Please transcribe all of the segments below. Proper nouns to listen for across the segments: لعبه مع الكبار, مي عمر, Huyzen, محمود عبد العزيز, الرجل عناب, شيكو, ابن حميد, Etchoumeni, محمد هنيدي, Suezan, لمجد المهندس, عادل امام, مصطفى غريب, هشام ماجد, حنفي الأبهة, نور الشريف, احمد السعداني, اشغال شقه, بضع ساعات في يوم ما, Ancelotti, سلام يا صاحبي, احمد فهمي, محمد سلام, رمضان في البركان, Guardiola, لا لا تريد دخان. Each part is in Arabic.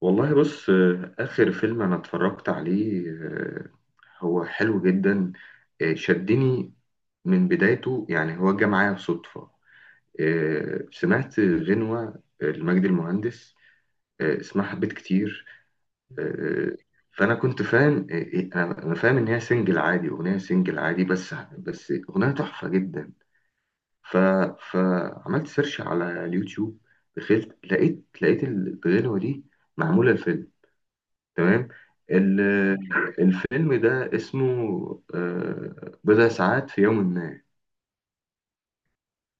والله بص، آخر فيلم أنا اتفرجت عليه، هو حلو جدا. شدني من بدايته، يعني هو جه معايا صدفة. سمعت غنوة لمجد المهندس، اسمها حبيت كتير. آه، فأنا كنت فاهم، أنا فاهم إن هي سنجل عادي، أغنية سنجل عادي، بس أغنية تحفة جدا. ف... فعملت سيرش على اليوتيوب. دخلت، لقيت الغنوة دي معمولة الفيلم. تمام. ال- الفيلم ده اسمه بضع ساعات في يوم ما.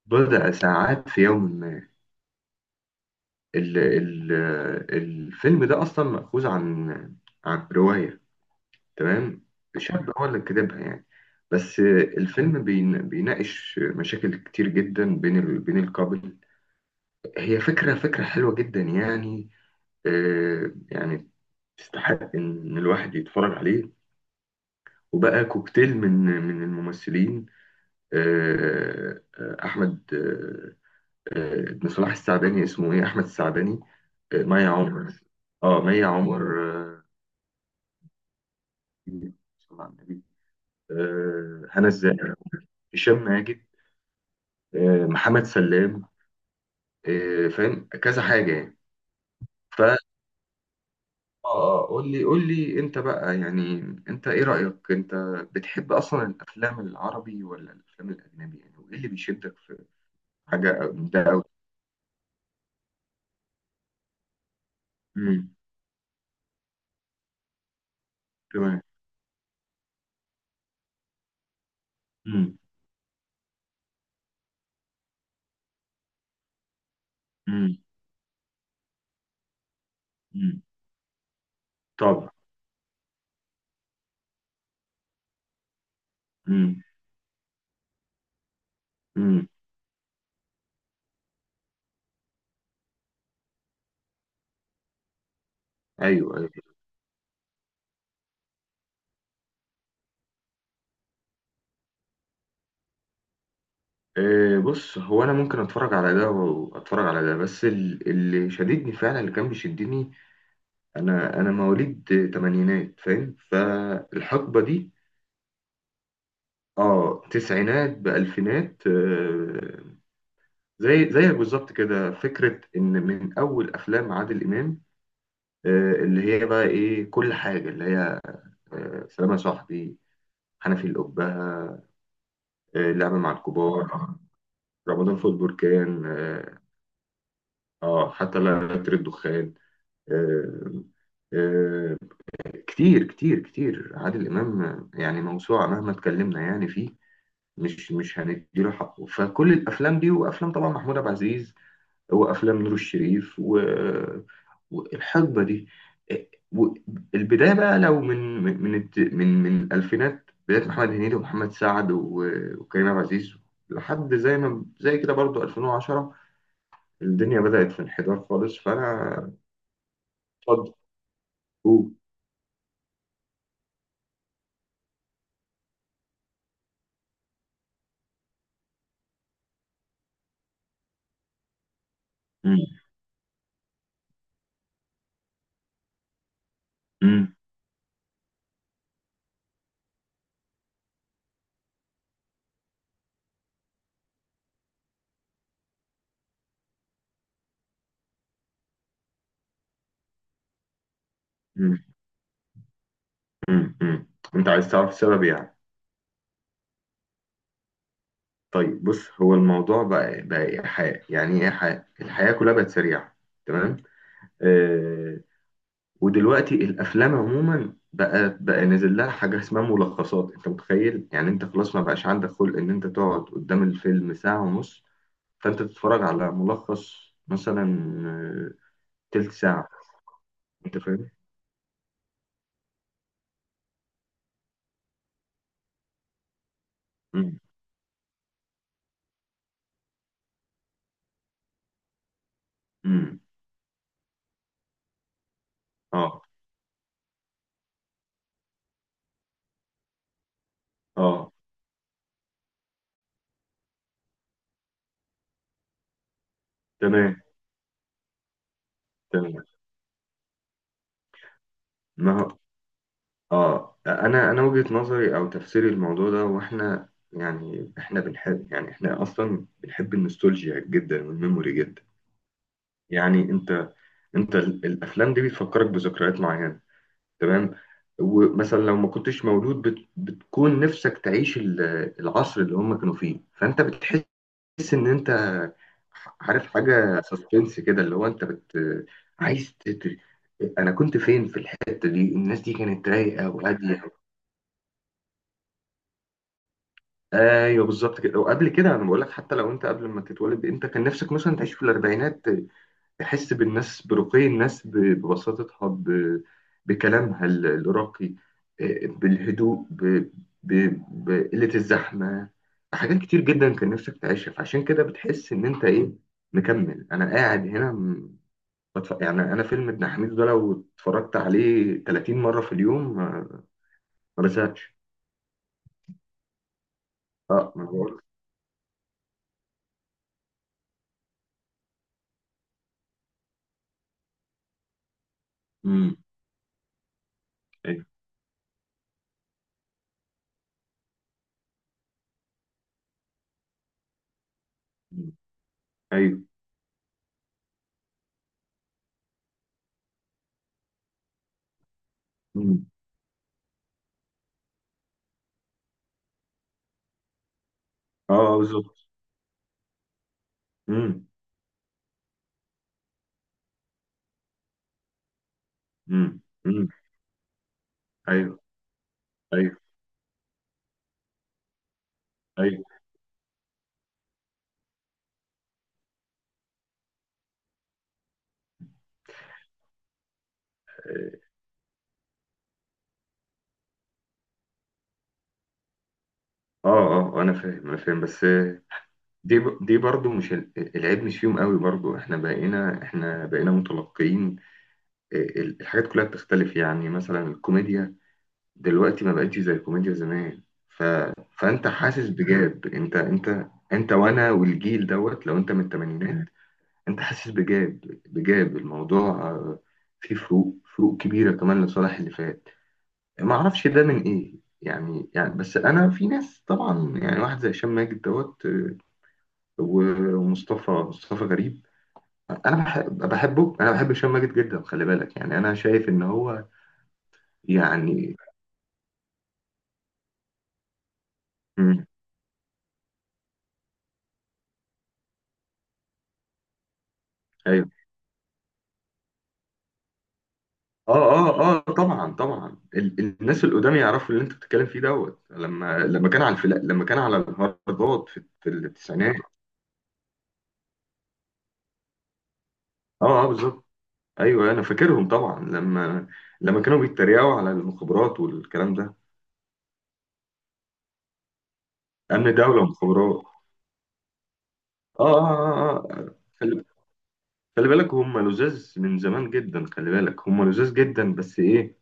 بضع ساعات في يوم ما. ال ال الفيلم ده أصلا مأخوذ عن عن رواية. تمام. شاب هو اللي كاتبها يعني، بس. الفيلم بيناقش مشاكل كتير جدا بين بين الكابل. هي فكرة، فكرة حلوة جدا يعني، يعني تستحق إن الواحد يتفرج عليه. وبقى كوكتيل من من الممثلين. احمد، ابن صلاح السعداني اسمه ايه، احمد السعداني. مي عمر. اه، مي عمر. آه، صلى على النبي. هنا الزاهر. هشام ماجد. محمد سلام. فاهم كذا حاجه يعني. ف اه آه، قول لي انت بقى يعني. انت ايه رايك انت؟ بتحب اصلا الافلام العربي ولا الافلام الاجنبي؟ يعني وايه اللي بيشدك في حاجه من ده قوي؟ امم. تمام. امم. امم. امم. طبعا. امم. امم. ايوه، ايوه. بص، هو انا ممكن اتفرج على ده واتفرج على ده، بس اللي شددني فعلا، اللي كان بيشدني، انا مواليد تمانينات، فاهم؟ فالحقبه دي، اه، تسعينات بالفينات، زيك بالظبط كده. فكره ان من اول افلام عادل امام، آه، اللي هي بقى ايه، كل حاجه اللي هي آه، سلام يا صاحبي، حنفي الأبهة، آه لعبه مع الكبار، رمضان في البركان، اه حتى لا، لا تريد دخان، آه، آه. كتير كتير كتير عادل إمام، يعني موسوعة مهما اتكلمنا يعني فيه. مش هنديله حقه. فكل الأفلام دي، وأفلام طبعا محمود عبد العزيز، وأفلام نور الشريف و والحقبة دي، آه، والبداية بقى لو من من الألفينات، بداية محمد هنيدي ومحمد سعد وكريم عبد العزيز، لحد زي ما زي كده برضو 2010. الدنيا بدأت في انحدار خالص، فأنا، هو. مم. مم. مم. مم. مم. انت عايز تعرف السبب يعني؟ طيب، بص، هو الموضوع بقى إيحاء يعني ايه، إيحاء الحياة كلها بقت سريعة. تمام. آه ودلوقتي الافلام عموما بقى نازل لها حاجة اسمها ملخصات. انت متخيل؟ يعني انت خلاص ما بقاش عندك خلق ان انت تقعد قدام الفيلم ساعة ونص، فانت تتفرج على ملخص مثلا، آه، تلت ساعة، انت فاهم. مم. مم. اه، اه. تمام، تمام. ما اه انا وجهة نظري او تفسيري الموضوع ده، واحنا يعني، احنا بنحب، يعني احنا اصلا بنحب النوستالجيا جدا والميموري جدا. يعني انت الافلام دي بتفكرك بذكريات معينة، تمام. ومثلا لو ما كنتش مولود، بتكون نفسك تعيش العصر اللي هم كانوا فيه، فانت بتحس ان انت، عارف، حاجة سسبنس كده، اللي هو انت عايز انا كنت فين في الحتة دي، الناس دي كانت رايقة وهادية. ايوه، بالظبط كده. وقبل كده انا بقول لك، حتى لو انت قبل ما تتولد، انت كان نفسك مثلا تعيش في الاربعينات. تحس بالناس، برقي الناس، ببساطتها، بكلامها الراقي، بالهدوء، ب... بقلة الزحمة. حاجات كتير جدا كان نفسك تعيشها، فعشان كده بتحس ان انت ايه، مكمل انا قاعد هنا. يعني انا فيلم ابن حميد ده لو اتفرجت عليه 30 مرة في اليوم، ما بزهقش. اه، ما بقول. امم. ايوه. مم. ايوه. اه، بالظبط. امم. امم. امم. ايوه، ايوه، ايوه. اه، اه، انا فاهم، انا فاهم، بس دي، دي برضو، مش العيب مش فيهم قوي. برضو احنا بقينا، احنا بقينا متلقيين. الحاجات كلها بتختلف يعني. مثلا الكوميديا دلوقتي ما بقتش زي الكوميديا زمان، ف فانت حاسس بجاب. انت، انت وانا والجيل دوت، لو انت من الثمانينات انت حاسس بجاب، بجاب الموضوع، فيه فروق، فروق كبيرة كمان لصالح اللي فات. ما اعرفش ده من ايه يعني، يعني بس انا، في ناس طبعا، يعني واحد زي هشام ماجد دوت، ومصطفى، مصطفى غريب، انا بحب، بحبه، انا بحب هشام ماجد جدا، خلي بالك. يعني انا شايف ان هو، يعني. مم. ايوه. اه، اه، اه، طبعا، طبعا. الناس القدام يعرفوا اللي انت بتتكلم فيه دوت، لما كان على الفلا لما كان على الهرجات في في التسعينات. اه، اه، بالظبط. ايوه، انا فاكرهم طبعا، لما لما كانوا بيتريقوا على المخابرات والكلام ده، امن دوله ومخابرات. اه، اه، اه، آه. خلي خلي بالك، هم لزاز من زمان جدا. خلي بالك، هم لزاز جدا، بس ايه،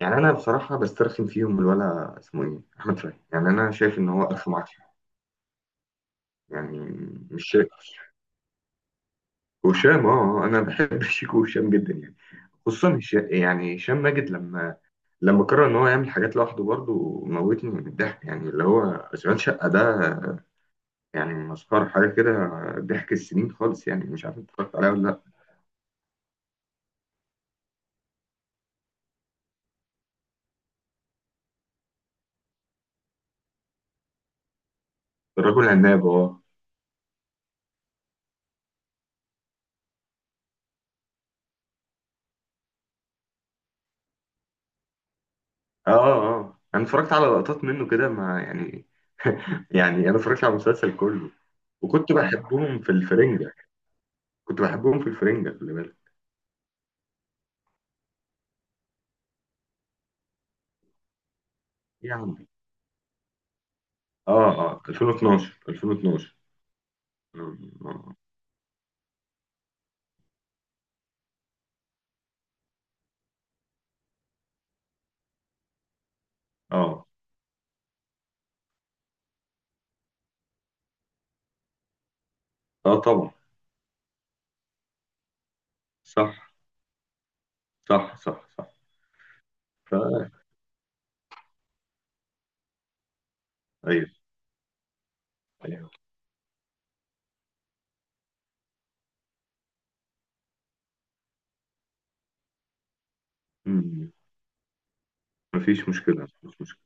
يعني انا بصراحه بسترخم فيهم، الولا اسمه ايه، احمد فهمي، يعني انا شايف ان هو الف معافيه يعني. مش شايف؟ هشام. اه، انا بحب شيكو وهشام جدا يعني. خصوصا هشام، يعني هشام ماجد لما لما قرر ان هو يعمل حاجات لوحده، برضه موتني من الضحك، يعني اللي هو اشغال شقه ده، يعني مسخره حاجه كده. ضحك السنين خالص يعني. مش عارف انت اتفرجت عليها ولا لا؟ الرجل عناب، اه. اه، اه، اه، انا اتفرجت على لقطات منه كده، ما يعني، يعني انا اتفرجت على المسلسل كله. وكنت بحبهم في الفرنجة. كنت بحبهم في الفرنجة، خلي بالك. يعني اه، اه، 2012، 2012. اه، اه، آه، طبعا. صح، صح، صح، صح، ف ايوه، ايوه. أمم. مفيش مشكلة، مفيش مشكلة.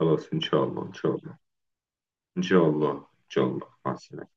خلاص، ان شاء الله، ان شاء الله، ان شاء الله، ان شاء الله، مع السلامة.